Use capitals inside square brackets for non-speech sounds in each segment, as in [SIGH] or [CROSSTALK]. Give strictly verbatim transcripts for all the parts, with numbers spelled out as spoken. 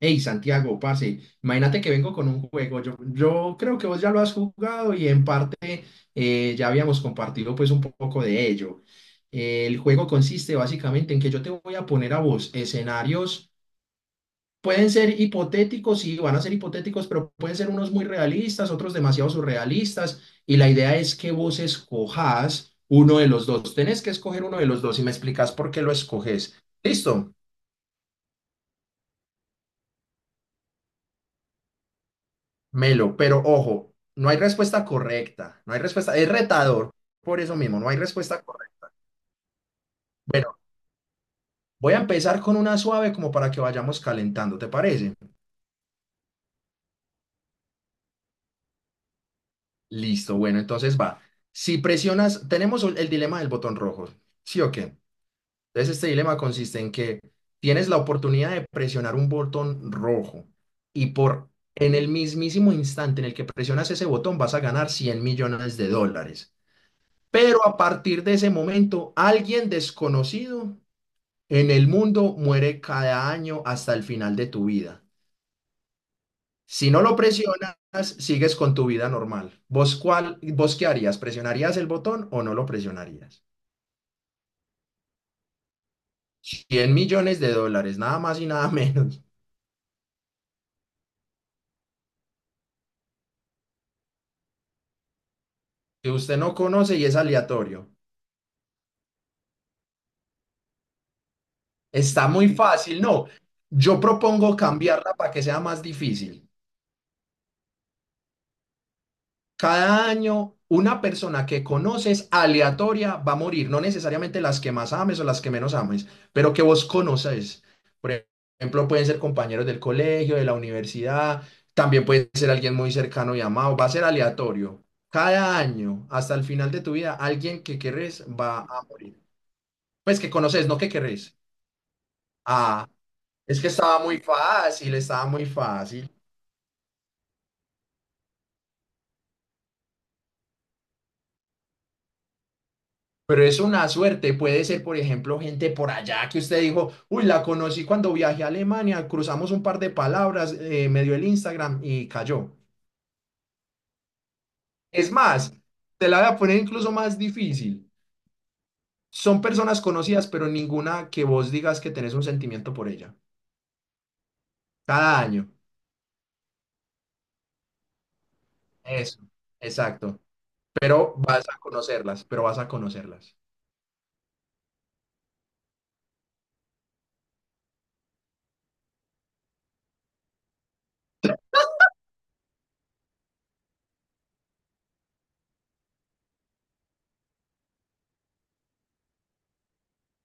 Hey, Santiago, pase. Imagínate que vengo con un juego. Yo, yo creo que vos ya lo has jugado y en parte eh, ya habíamos compartido pues un poco de ello. Eh, el juego consiste básicamente en que yo te voy a poner a vos escenarios, pueden ser hipotéticos, sí, van a ser hipotéticos, pero pueden ser unos muy realistas, otros demasiado surrealistas. Y la idea es que vos escojas uno de los dos. Tenés que escoger uno de los dos y me explicas por qué lo escoges. ¿Listo? Melo, pero ojo, no hay respuesta correcta, no hay respuesta, es retador, por eso mismo, no hay respuesta correcta. Bueno, voy a empezar con una suave como para que vayamos calentando, ¿te parece? Listo, bueno, entonces va. Si presionas, tenemos el dilema del botón rojo, ¿sí o qué? Entonces este dilema consiste en que tienes la oportunidad de presionar un botón rojo y por en el mismísimo instante en el que presionas ese botón vas a ganar cien millones de dólares. Pero a partir de ese momento, alguien desconocido en el mundo muere cada año hasta el final de tu vida. Si no lo presionas, sigues con tu vida normal. ¿Vos, cuál, vos qué harías? ¿Presionarías el botón o no lo presionarías? Cien millones de dólares, nada más y nada [LAUGHS] menos, que usted no conoce y es aleatorio. Está muy fácil, no. Yo propongo cambiarla para que sea más difícil. Cada año una persona que conoces aleatoria va a morir, no necesariamente las que más ames o las que menos ames, pero que vos conoces. Por ejemplo, pueden ser compañeros del colegio, de la universidad, también puede ser alguien muy cercano y amado, va a ser aleatorio. Cada año, hasta el final de tu vida, alguien que querés va a morir. Pues que conoces, no que querés. Ah, es que estaba muy fácil, estaba muy fácil. Pero es una suerte, puede ser, por ejemplo, gente por allá que usted dijo, uy, la conocí cuando viajé a Alemania, cruzamos un par de palabras, eh, me dio el Instagram y cayó. Es más, te la voy a poner incluso más difícil. Son personas conocidas, pero ninguna que vos digas que tenés un sentimiento por ella. Cada año. Eso, exacto. Pero vas a conocerlas, pero vas a conocerlas.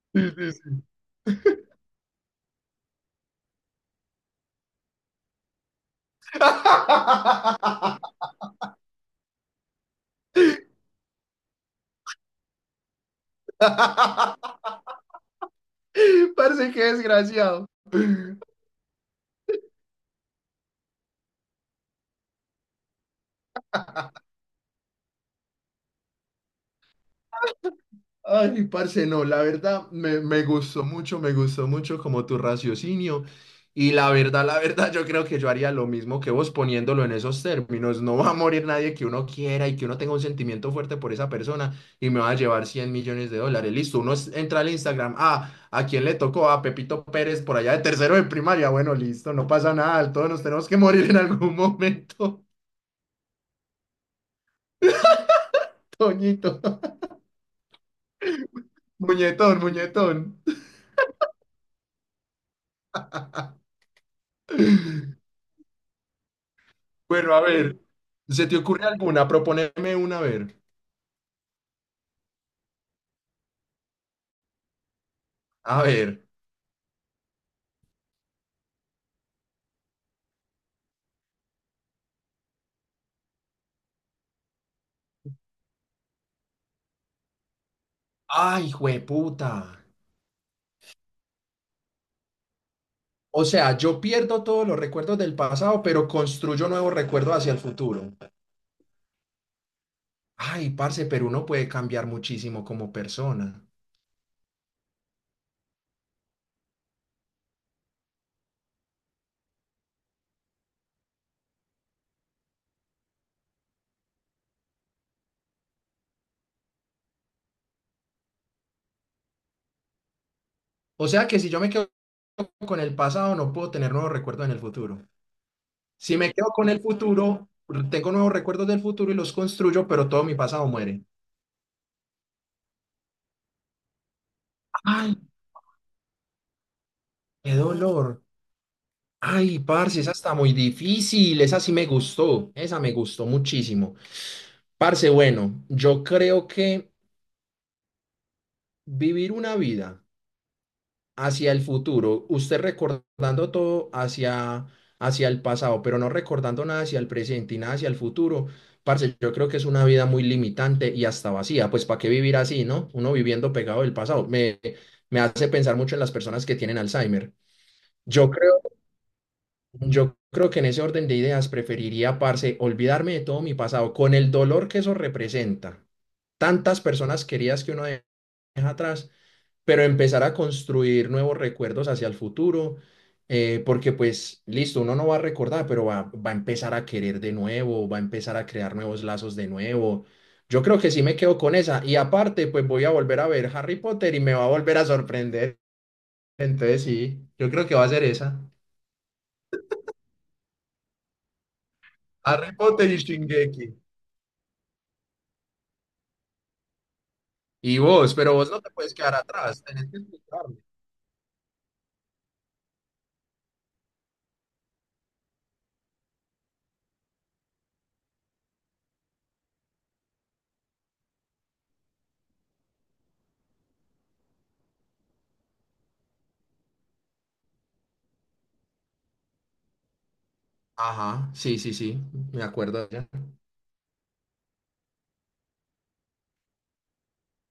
[LAUGHS] Mm, mm, mm. [LAUGHS] Parece que desgraciado. Ay, parce, no, la verdad me, me gustó mucho, me gustó mucho como tu raciocinio. Y la verdad, la verdad, yo creo que yo haría lo mismo que vos poniéndolo en esos términos. No va a morir nadie que uno quiera y que uno tenga un sentimiento fuerte por esa persona y me va a llevar cien millones de dólares. Listo, uno es- entra al Instagram. Ah, ¿a quién le tocó? A Pepito Pérez por allá de tercero de primaria. Bueno, listo, no pasa nada. Todos nos tenemos que morir en algún momento. [LAUGHS] Toñito, [LAUGHS] muñetón, muñetón. [LAUGHS] Bueno, a ver, ¿se te ocurre alguna? Proponeme una, a ver. A ver. Ay, jueputa. O sea, yo pierdo todos los recuerdos del pasado, pero construyo nuevos recuerdos hacia el futuro. Ay, parce, pero uno puede cambiar muchísimo como persona. O sea que si yo me quedo con el pasado, no puedo tener nuevos recuerdos en el futuro. Si me quedo con el futuro, tengo nuevos recuerdos del futuro y los construyo, pero todo mi pasado muere. Ay, qué dolor. Ay, parce, esa está muy difícil. Esa sí me gustó. Esa me gustó muchísimo. Parce, bueno, yo creo que vivir una vida hacia el futuro, usted recordando todo hacia, hacia el pasado, pero no recordando nada hacia el presente y nada hacia el futuro, parce, yo creo que es una vida muy limitante y hasta vacía. Pues, ¿para qué vivir así, no? Uno viviendo pegado del pasado. Me, me hace pensar mucho en las personas que tienen Alzheimer. Yo creo Yo creo que en ese orden de ideas preferiría, parce, olvidarme de todo mi pasado, con el dolor que eso representa. Tantas personas queridas que uno de- deja atrás, pero empezar a construir nuevos recuerdos hacia el futuro, eh, porque pues listo, uno no va a recordar, pero va, va a empezar a querer de nuevo, va a empezar a crear nuevos lazos de nuevo. Yo creo que sí me quedo con esa. Y aparte, pues voy a volver a ver Harry Potter y me va a volver a sorprender. Entonces sí, yo creo que va a ser esa. Harry Potter y Shingeki. Y vos, pero vos no te puedes quedar atrás, tenés que explicarme. Ajá, sí, sí, sí, me acuerdo ya.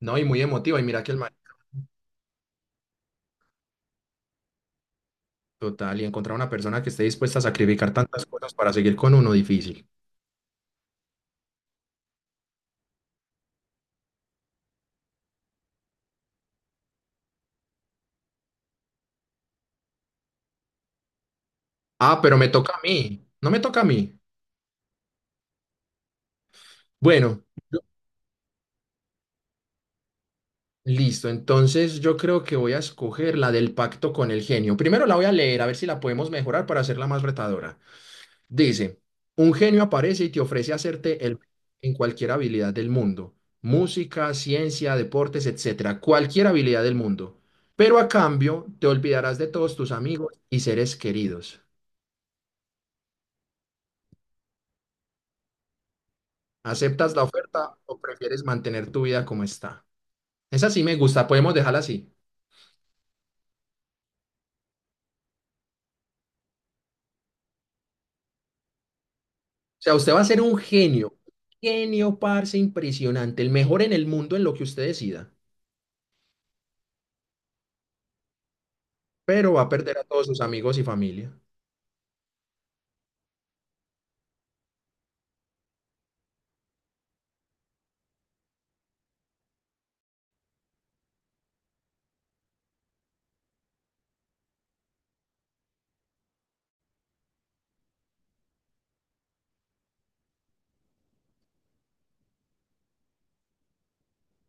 No, y muy emotiva, y mira que el man, total, y encontrar una persona que esté dispuesta a sacrificar tantas cosas para seguir con uno difícil. Ah, pero me toca a mí, no me toca a mí. Bueno, listo, entonces yo creo que voy a escoger la del pacto con el genio. Primero la voy a leer, a ver si la podemos mejorar para hacerla más retadora. Dice, un genio aparece y te ofrece hacerte el en cualquier habilidad del mundo, música, ciencia, deportes, etcétera, cualquier habilidad del mundo. Pero a cambio, te olvidarás de todos tus amigos y seres queridos. ¿Aceptas la oferta o prefieres mantener tu vida como está? Esa sí me gusta, podemos dejarla así. O sea, usted va a ser un genio, genio, parce, impresionante, el mejor en el mundo en lo que usted decida, pero va a perder a todos sus amigos y familia.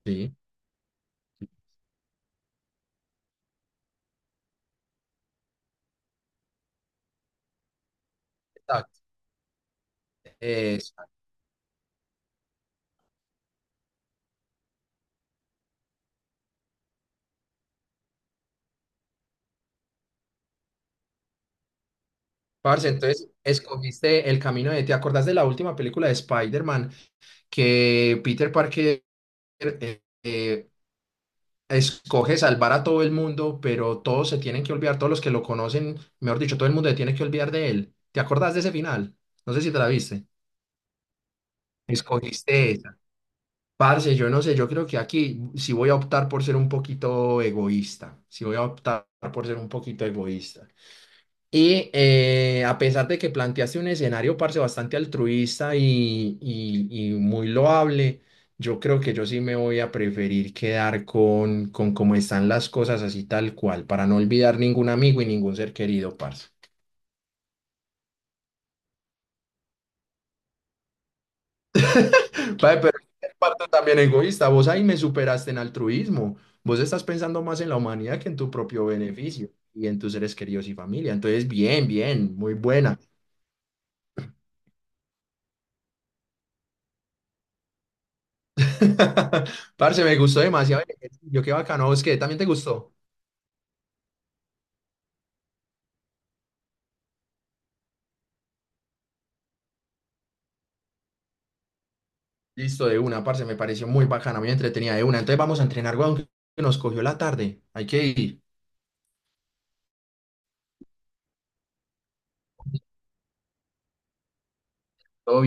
Sí, exacto. Parce, entonces escogiste el camino de. ¿Te acordás de la última película de Spider-Man que Peter Parker eh, eh, escoge salvar a todo el mundo, pero todos se tienen que olvidar, todos los que lo conocen, mejor dicho, todo el mundo se tiene que olvidar de él? ¿Te acordás de ese final? No sé si te la viste. Escogiste esa. Parce, yo no sé, yo creo que aquí sí voy a optar por ser un poquito egoísta. Sí voy a optar por ser un poquito egoísta. Y eh, a pesar de que planteaste un escenario, parce, bastante altruista y, y- y muy loable, yo creo que yo sí me voy a preferir quedar con, con cómo están las cosas así tal cual, para no olvidar ningún amigo y ningún ser querido, parce. [LAUGHS] Vale, pero es parte también egoísta, vos ahí me superaste en altruismo, vos estás pensando más en la humanidad que en tu propio beneficio y en tus seres queridos y familia. Entonces, bien, bien, muy buena. [LAUGHS] Parce, me gustó demasiado el ejercicio, qué bacano, ¿vos qué? ¿También te gustó? Listo, de una, parce, me pareció muy bacana, muy entretenida de una. Entonces vamos a entrenar, weón, que nos cogió la tarde. Hay que ir. Todo bien.